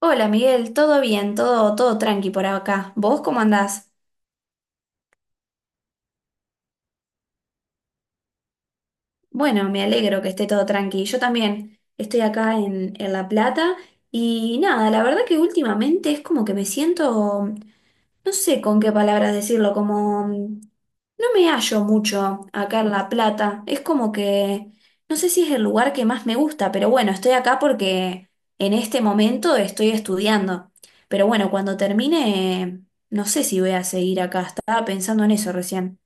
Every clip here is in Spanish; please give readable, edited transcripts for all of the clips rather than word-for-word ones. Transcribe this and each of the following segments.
Hola Miguel, todo bien, todo tranqui por acá. ¿Vos cómo andás? Bueno, me alegro que esté todo tranqui. Yo también estoy acá en La Plata y nada, la verdad que últimamente es como que me siento no sé con qué palabras decirlo, como no me hallo mucho acá en La Plata. Es como que no sé si es el lugar que más me gusta, pero bueno, estoy acá porque en este momento estoy estudiando. Pero bueno, cuando termine, no sé si voy a seguir acá. Estaba pensando en eso recién.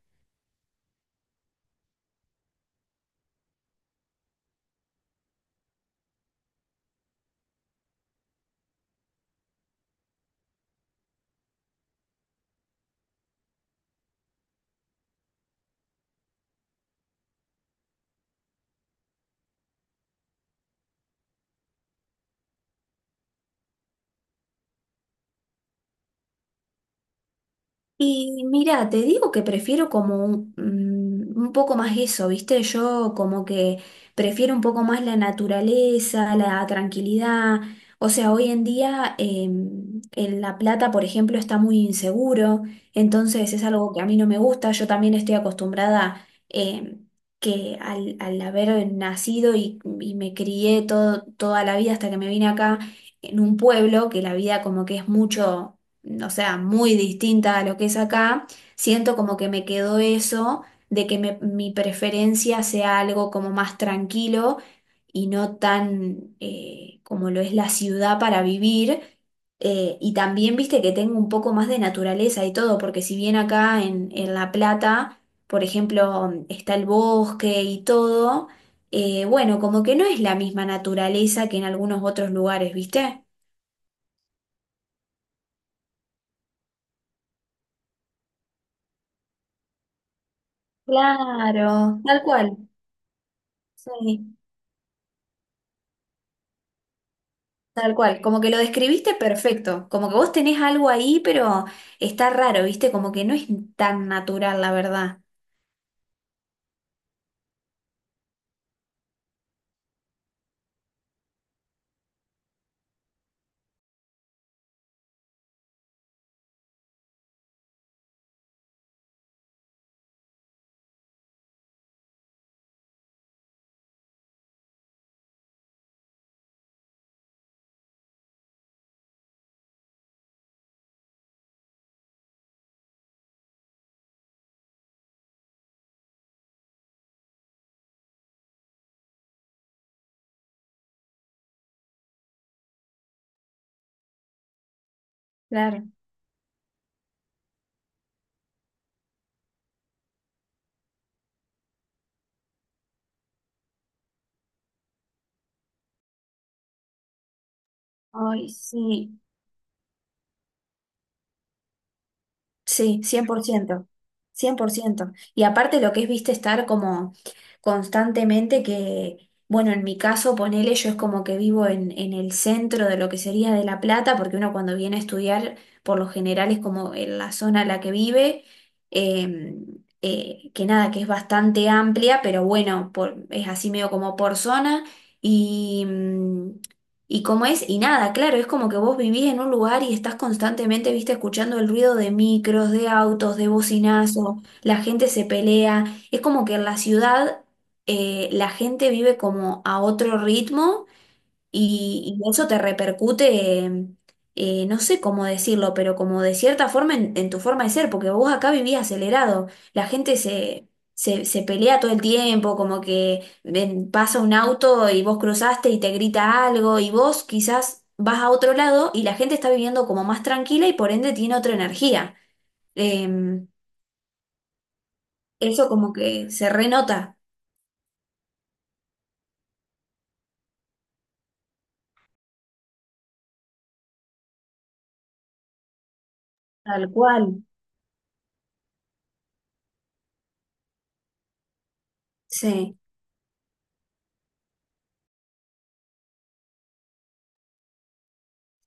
Y mira, te digo que prefiero como un poco más eso, ¿viste? Yo como que prefiero un poco más la naturaleza, la tranquilidad. O sea, hoy en día en La Plata, por ejemplo, está muy inseguro, entonces es algo que a mí no me gusta. Yo también estoy acostumbrada que al haber nacido y me crié toda la vida hasta que me vine acá en un pueblo, que la vida como que es mucho, o sea, muy distinta a lo que es acá. Siento como que me quedó eso de que mi preferencia sea algo como más tranquilo y no tan como lo es la ciudad para vivir. Y también viste que tengo un poco más de naturaleza y todo, porque si bien acá en, La Plata, por ejemplo, está el bosque y todo, bueno, como que no es la misma naturaleza que en algunos otros lugares, ¿viste? Claro, tal cual. Sí. Tal cual, como que lo describiste perfecto, como que vos tenés algo ahí, pero está raro, ¿viste? Como que no es tan natural, la verdad. Claro. Ay, sí. Sí, cien por ciento, 100%. Y aparte lo que es, viste, estar como constantemente que, bueno, en mi caso, ponele, yo es como que vivo en el centro de lo que sería de La Plata, porque uno cuando viene a estudiar, por lo general es como en la zona en la que vive, eh, que nada, que es bastante amplia, pero bueno, es así medio como por zona. Y, mm, y cómo es, y nada, claro, es como que vos vivís en un lugar y estás constantemente, viste, escuchando el ruido de micros, de autos, de bocinazo, la gente se pelea. Es como que en la ciudad la gente vive como a otro ritmo, y eso te repercute, no sé cómo decirlo, pero como de cierta forma en, tu forma de ser, porque vos acá vivías acelerado, la gente se pelea todo el tiempo, como que ven, pasa un auto y vos cruzaste y te grita algo, y vos quizás vas a otro lado y la gente está viviendo como más tranquila y por ende tiene otra energía. Em, eso como que se renota. Tal cual. Sí.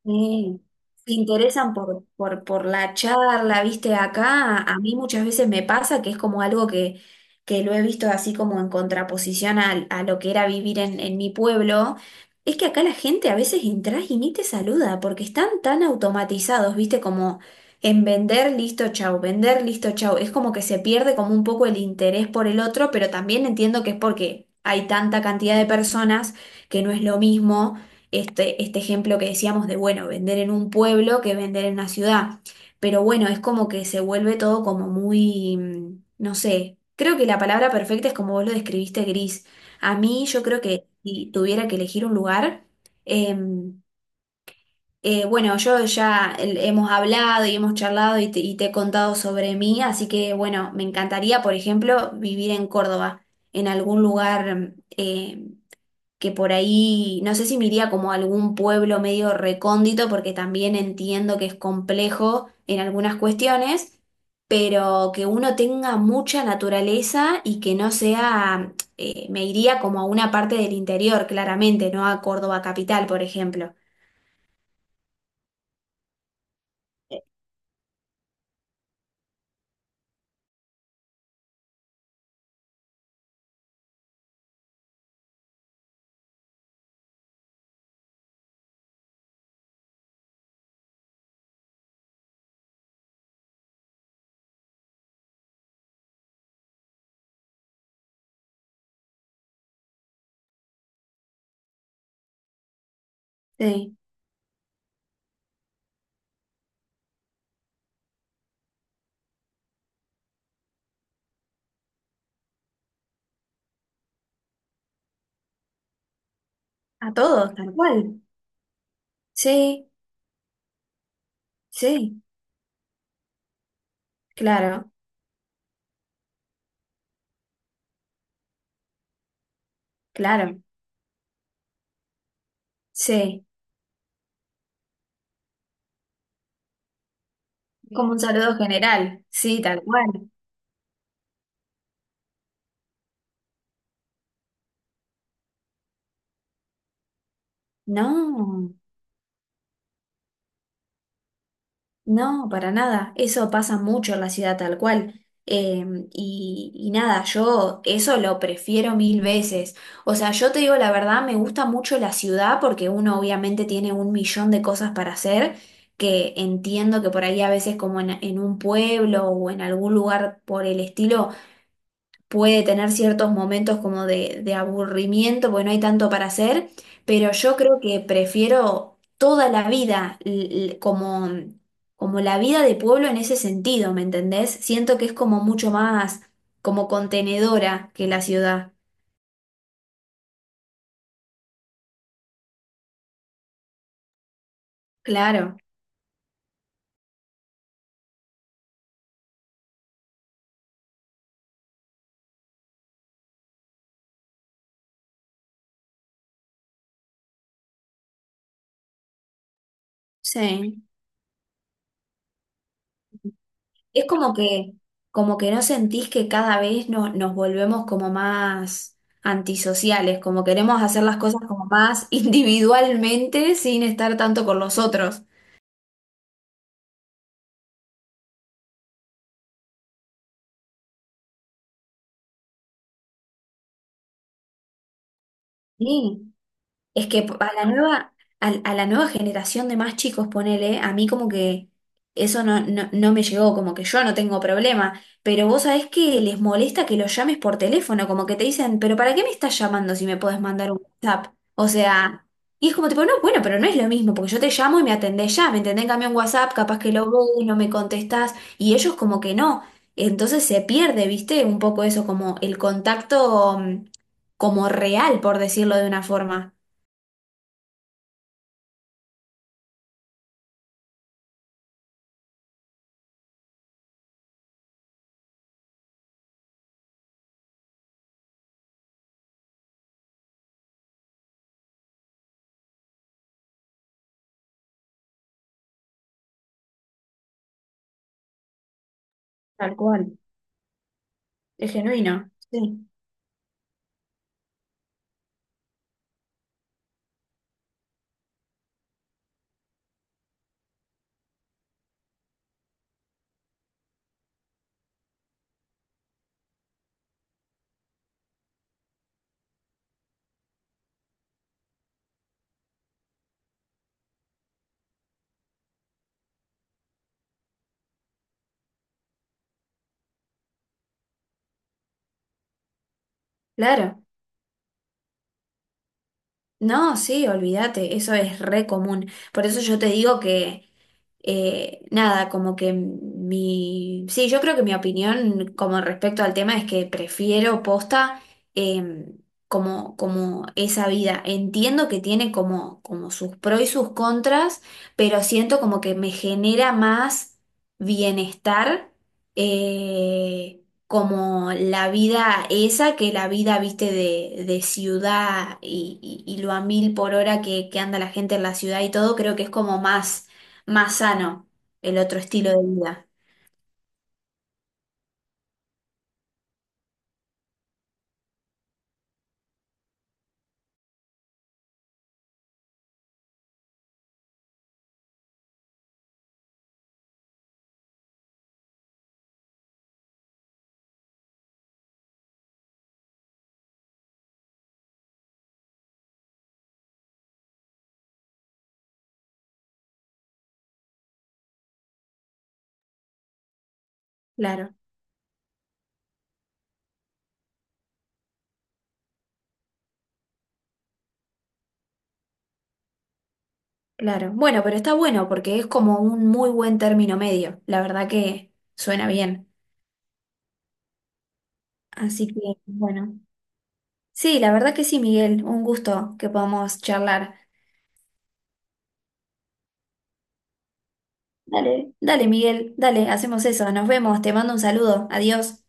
Sí, se interesan por la charla, viste, acá a mí muchas veces me pasa que es como algo que lo he visto así como en contraposición a lo que era vivir en mi pueblo, es que acá la gente a veces entras y ni te saluda porque están tan automatizados, viste, como en vender, listo, chau, es como que se pierde como un poco el interés por el otro, pero también entiendo que es porque hay tanta cantidad de personas que no es lo mismo este ejemplo que decíamos de, bueno, vender en un pueblo que vender en una ciudad. Pero bueno, es como que se vuelve todo como muy, no sé, creo que la palabra perfecta es como vos lo describiste, gris. A mí yo creo que si tuviera que elegir un lugar, em, bueno, yo ya hemos hablado y hemos charlado y te he contado sobre mí, así que bueno, me encantaría, por ejemplo, vivir en Córdoba, en algún lugar que por ahí, no sé si me iría como a algún pueblo medio recóndito, porque también entiendo que es complejo en algunas cuestiones, pero que uno tenga mucha naturaleza y que no sea, me iría como a una parte del interior, claramente, no a Córdoba capital, por ejemplo. Sí, a todos, tal cual. Sí, sí, claro, claro, sí. Como un saludo general, sí, tal cual. No. No, para nada. Eso pasa mucho en la ciudad tal cual. Y nada, yo eso lo prefiero mil veces. O sea, yo te digo la verdad, me gusta mucho la ciudad porque uno obviamente tiene un millón de cosas para hacer, que entiendo que por ahí a veces como en un pueblo o en algún lugar por el estilo puede tener ciertos momentos como de aburrimiento, porque no hay tanto para hacer, pero yo creo que prefiero toda la vida como la vida de pueblo en ese sentido, ¿me entendés? Siento que es como mucho más como contenedora que la ciudad. Claro, sí. Es como que no sentís que cada vez nos volvemos como más antisociales, como queremos hacer las cosas como más individualmente sin estar tanto con los otros. Sí, es que a la nueva, a la nueva generación de más chicos, ponele, a mí como que eso no me llegó, como que yo no tengo problema, pero vos sabés que les molesta que los llames por teléfono, como que te dicen, pero ¿para qué me estás llamando si me podés mandar un WhatsApp? O sea, y es como tipo, no, bueno, pero no es lo mismo, porque yo te llamo y me atendés ya, me entendés. En cambio un WhatsApp, capaz que lo ves, no me contestás, y ellos como que no. Entonces se pierde, ¿viste? Un poco eso, como el contacto como real, por decirlo de una forma. Tal cual. Es genuino. Sí. Claro. No, sí, olvídate, eso es re común. Por eso yo te digo que, nada, Sí, yo creo que mi opinión como respecto al tema es que prefiero posta eh, como esa vida. Entiendo que tiene como sus pros y sus contras, pero siento como que me genera más bienestar. eh, como la vida esa, que la vida, viste, de, ciudad y lo a mil por hora que anda la gente en la ciudad y todo, creo que es como más, más sano el otro estilo de vida. Claro, claro. Bueno, pero está bueno porque es como un muy buen término medio. La verdad que suena bien. Así que, bueno. Sí, la verdad que sí, Miguel. Un gusto que podamos charlar. Dale, dale, Miguel, dale, hacemos eso. Nos vemos. Te mando un saludo. Adiós.